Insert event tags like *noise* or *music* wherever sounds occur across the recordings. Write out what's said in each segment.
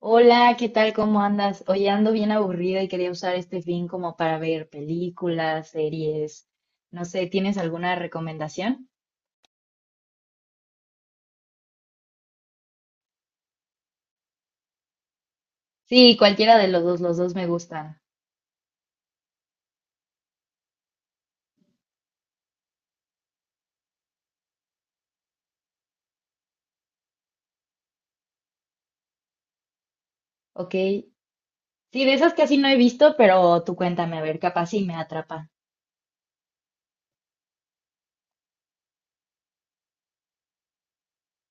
Hola, ¿qué tal? ¿Cómo andas? Hoy ando bien aburrida y quería usar este fin como para ver películas, series, no sé, ¿tienes alguna recomendación? Sí, cualquiera de los dos me gustan. Ok. Sí, de esas casi no he visto, pero tú cuéntame, a ver, capaz sí me atrapa.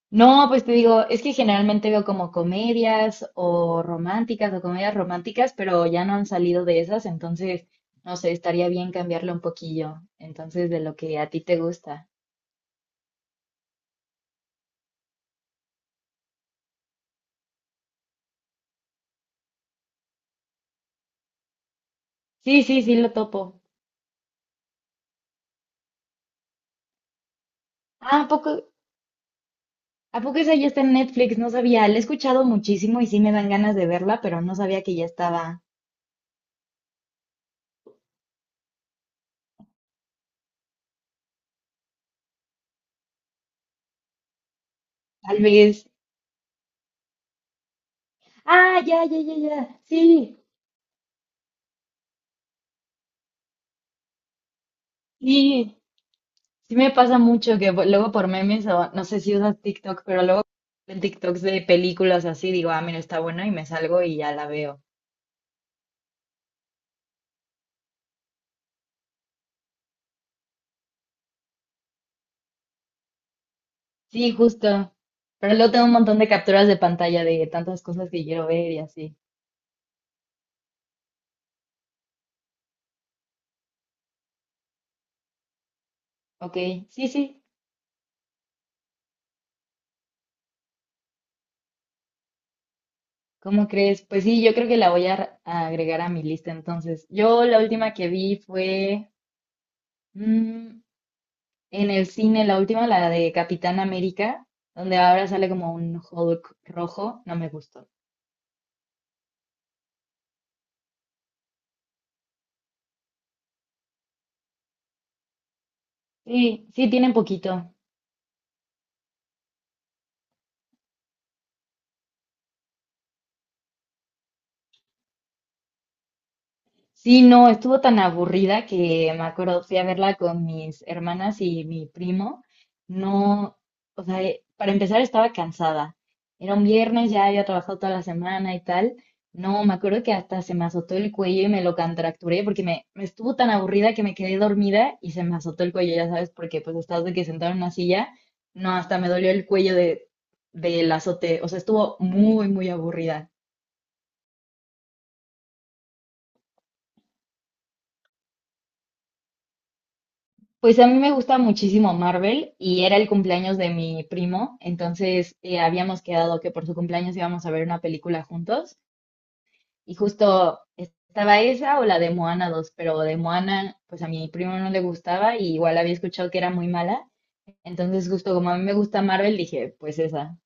No, pues te digo, es que generalmente veo como comedias o románticas o comedias románticas, pero ya no han salido de esas, entonces, no sé, estaría bien cambiarlo un poquillo, entonces de lo que a ti te gusta. Sí, sí, sí, lo topo. Ah, ¿a poco esa ya está en Netflix? No sabía, la he escuchado muchísimo y sí me dan ganas de verla, pero no sabía que ya estaba. Tal vez. Ah, ya, ya, ya, ya. Sí, sí. Sí me pasa mucho que luego por memes o no sé si usas TikTok, pero luego en TikToks de películas así digo, ah, mira, está buena y me salgo y ya la veo. Sí, justo. Pero luego tengo un montón de capturas de pantalla de tantas cosas que quiero ver y así. Ok, sí, sí. ¿Cómo crees? Pues sí, yo creo que la voy a agregar a mi lista entonces. Yo la última que vi fue mm, en el cine, la última, la de Capitán América, donde ahora sale como un Hulk rojo. No me gustó. Sí, sí, tiene poquito. Sí, no, estuvo tan aburrida que me acuerdo, fui a verla con mis hermanas y mi primo. No, o sea, para empezar estaba cansada. Era un viernes, ya había trabajado toda la semana y tal. No, me acuerdo que hasta se me azotó el cuello y me lo contracturé porque me estuvo tan aburrida que me quedé dormida y se me azotó el cuello, ya sabes, porque pues estás de que sentado en una silla. No, hasta me dolió el cuello de, del azote. O sea, estuvo muy, muy aburrida. Pues a mí me gusta muchísimo Marvel y era el cumpleaños de mi primo, entonces habíamos quedado que por su cumpleaños íbamos a ver una película juntos y justo estaba esa o la de Moana 2, pero de Moana pues a mi primo no le gustaba y igual había escuchado que era muy mala, entonces justo como a mí me gusta Marvel dije pues esa.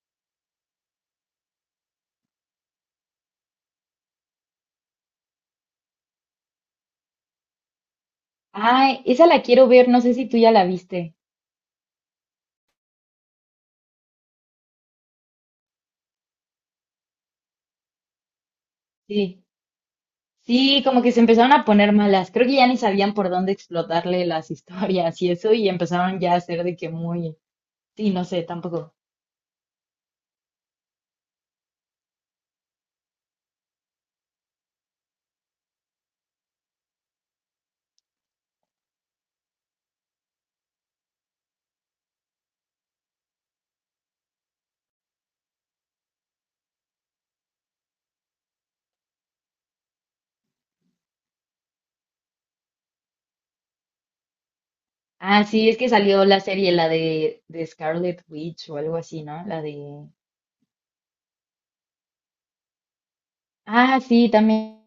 Ay, esa la quiero ver, no sé si tú ya la viste. Sí, sí, como que se empezaron a poner malas, creo que ya ni sabían por dónde explotarle las historias y eso y empezaron ya a ser de que muy. Sí, no sé, tampoco. Ah, sí, es que salió la serie, la de Scarlet Witch o algo así, ¿no? La de... Ah, sí, también.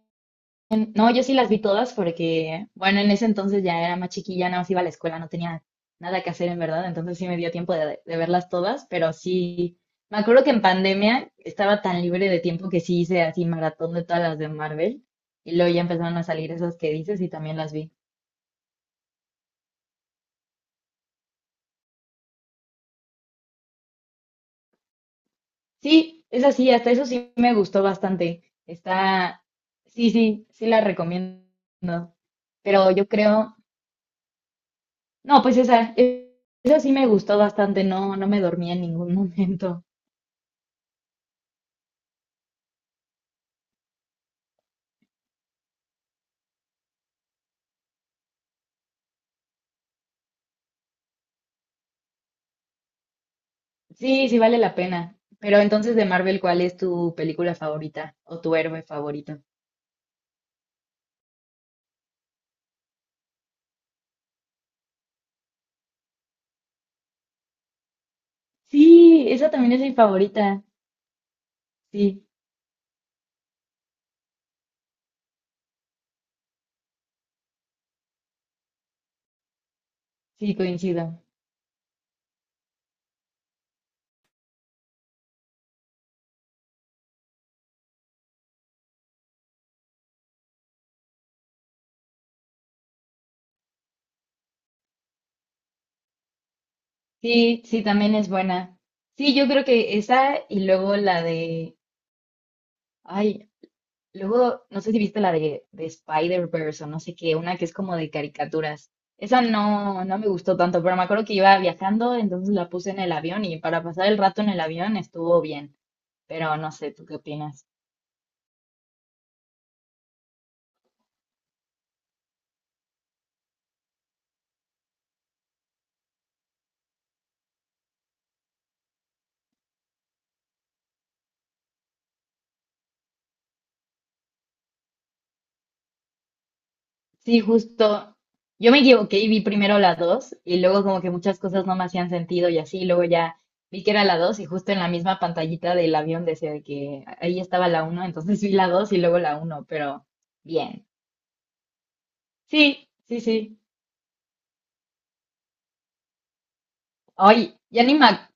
No, yo sí las vi todas porque, bueno, en ese entonces ya era más chiquilla, nada más iba a la escuela, no tenía nada que hacer en verdad, entonces sí me dio tiempo de verlas todas, pero sí, me acuerdo que en pandemia estaba tan libre de tiempo que sí hice así maratón de todas las de Marvel y luego ya empezaron a salir esas que dices y también las vi. Sí, es así, hasta eso sí me gustó bastante. Está, sí, sí, sí la recomiendo. Pero yo creo, no, pues esa sí me gustó bastante, no, no me dormí en ningún *laughs* momento. Sí, sí vale la pena. Pero entonces de Marvel, ¿cuál es tu película favorita o tu héroe favorito? Sí, esa también es mi favorita. Sí, sí, coincido. Sí, sí, también es buena. Sí, yo creo que esa y luego la de, ay, luego, no sé si viste la de Spider-Verse o no sé qué, una que es como de caricaturas. Esa no, no me gustó tanto, pero me acuerdo que iba viajando, entonces la puse en el avión y para pasar el rato en el avión estuvo bien. Pero no sé, ¿tú qué opinas? Sí, justo. Yo me equivoqué y vi primero la 2 y luego como que muchas cosas no me hacían sentido y así, luego ya vi que era la 2 y justo en la misma pantallita del avión decía de que ahí estaba la uno entonces vi la 2 y luego la uno pero bien. Sí, sí, sí. Ay, ya ni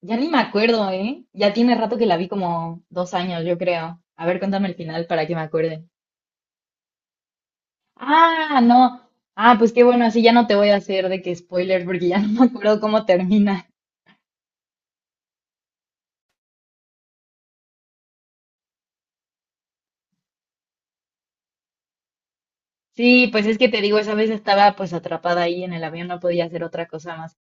ya ni me acuerdo, ¿eh? Ya tiene rato que la vi como dos años, yo creo. A ver, cuéntame el final para que me acuerde. Ah, no. Ah, pues qué bueno, así ya no te voy a hacer de que spoiler porque ya *laughs* no me acuerdo cómo termina. Sí, pues es que te digo, esa vez estaba pues atrapada ahí en el avión, no podía hacer otra cosa más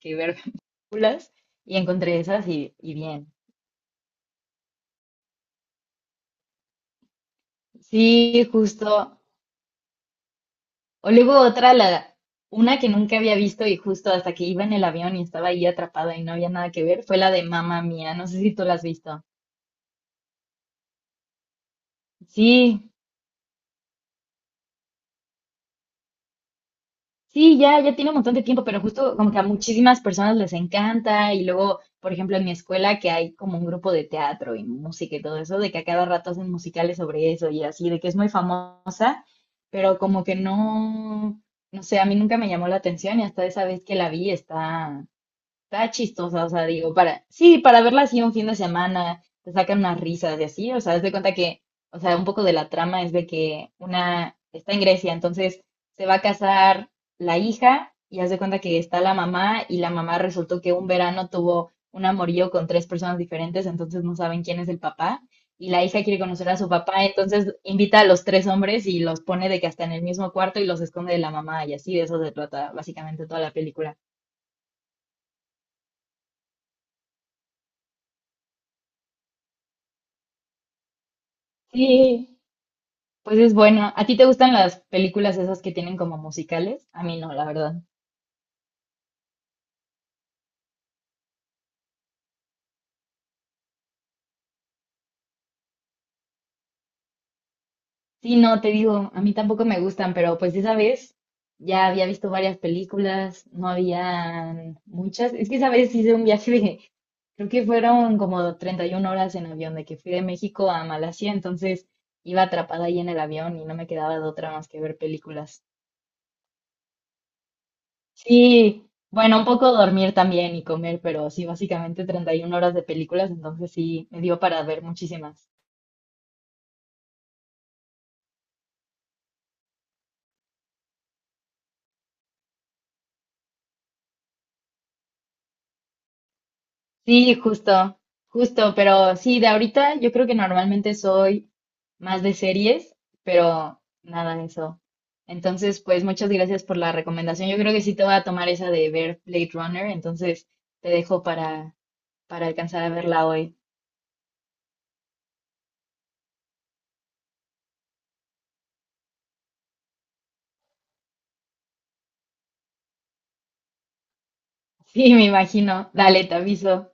que ver *laughs* películas y encontré esas y bien. Sí, justo. O luego otra, la, una que nunca había visto y justo hasta que iba en el avión y estaba ahí atrapada y no había nada que ver, fue la de Mamma Mía. No sé si tú la has visto. Sí, sí, ya, ya tiene un montón de tiempo, pero justo como que a muchísimas personas les encanta. Y luego, por ejemplo, en mi escuela que hay como un grupo de teatro y música y todo eso, de que a cada rato hacen musicales sobre eso y así, de que es muy famoso, pero como que no, no sé, a mí nunca me llamó la atención y hasta esa vez que la vi está. Está chistosa, o sea, digo, para, sí, para verla así un fin de semana, te sacan unas risas y así, o sea, haz de cuenta que, o sea, un poco de la trama es de que una está en Grecia, entonces se va a casar la hija y haz de cuenta que está la mamá y la mamá resultó que un verano tuvo un amorío con tres personas diferentes, entonces no saben quién es el papá y la hija quiere conocer a su papá, entonces invita a los tres hombres y los pone de que hasta en el mismo cuarto y los esconde de la mamá y así de eso se trata básicamente toda la película. Sí. Pues es bueno. ¿A ti te gustan las películas esas que tienen como musicales? A mí no, la verdad. Sí, no, te digo, a mí tampoco me gustan, pero pues esa vez ya había visto varias películas, no habían muchas. Es que esa vez hice un viaje de, creo que fueron como 31 horas en avión, de que fui de México a Malasia, entonces iba atrapada ahí en el avión y no me quedaba de otra más que ver películas. Sí, bueno, un poco dormir también y comer, pero sí, básicamente 31 horas de películas, entonces sí, me dio para ver muchísimas. Sí, justo, justo, pero sí, de ahorita yo creo que normalmente soy más de series, pero nada de eso. Entonces, pues muchas gracias por la recomendación. Yo creo que sí te voy a tomar esa de ver Blade Runner, entonces te dejo para alcanzar a verla hoy. *laughs* Sí, me imagino. Dale, te aviso.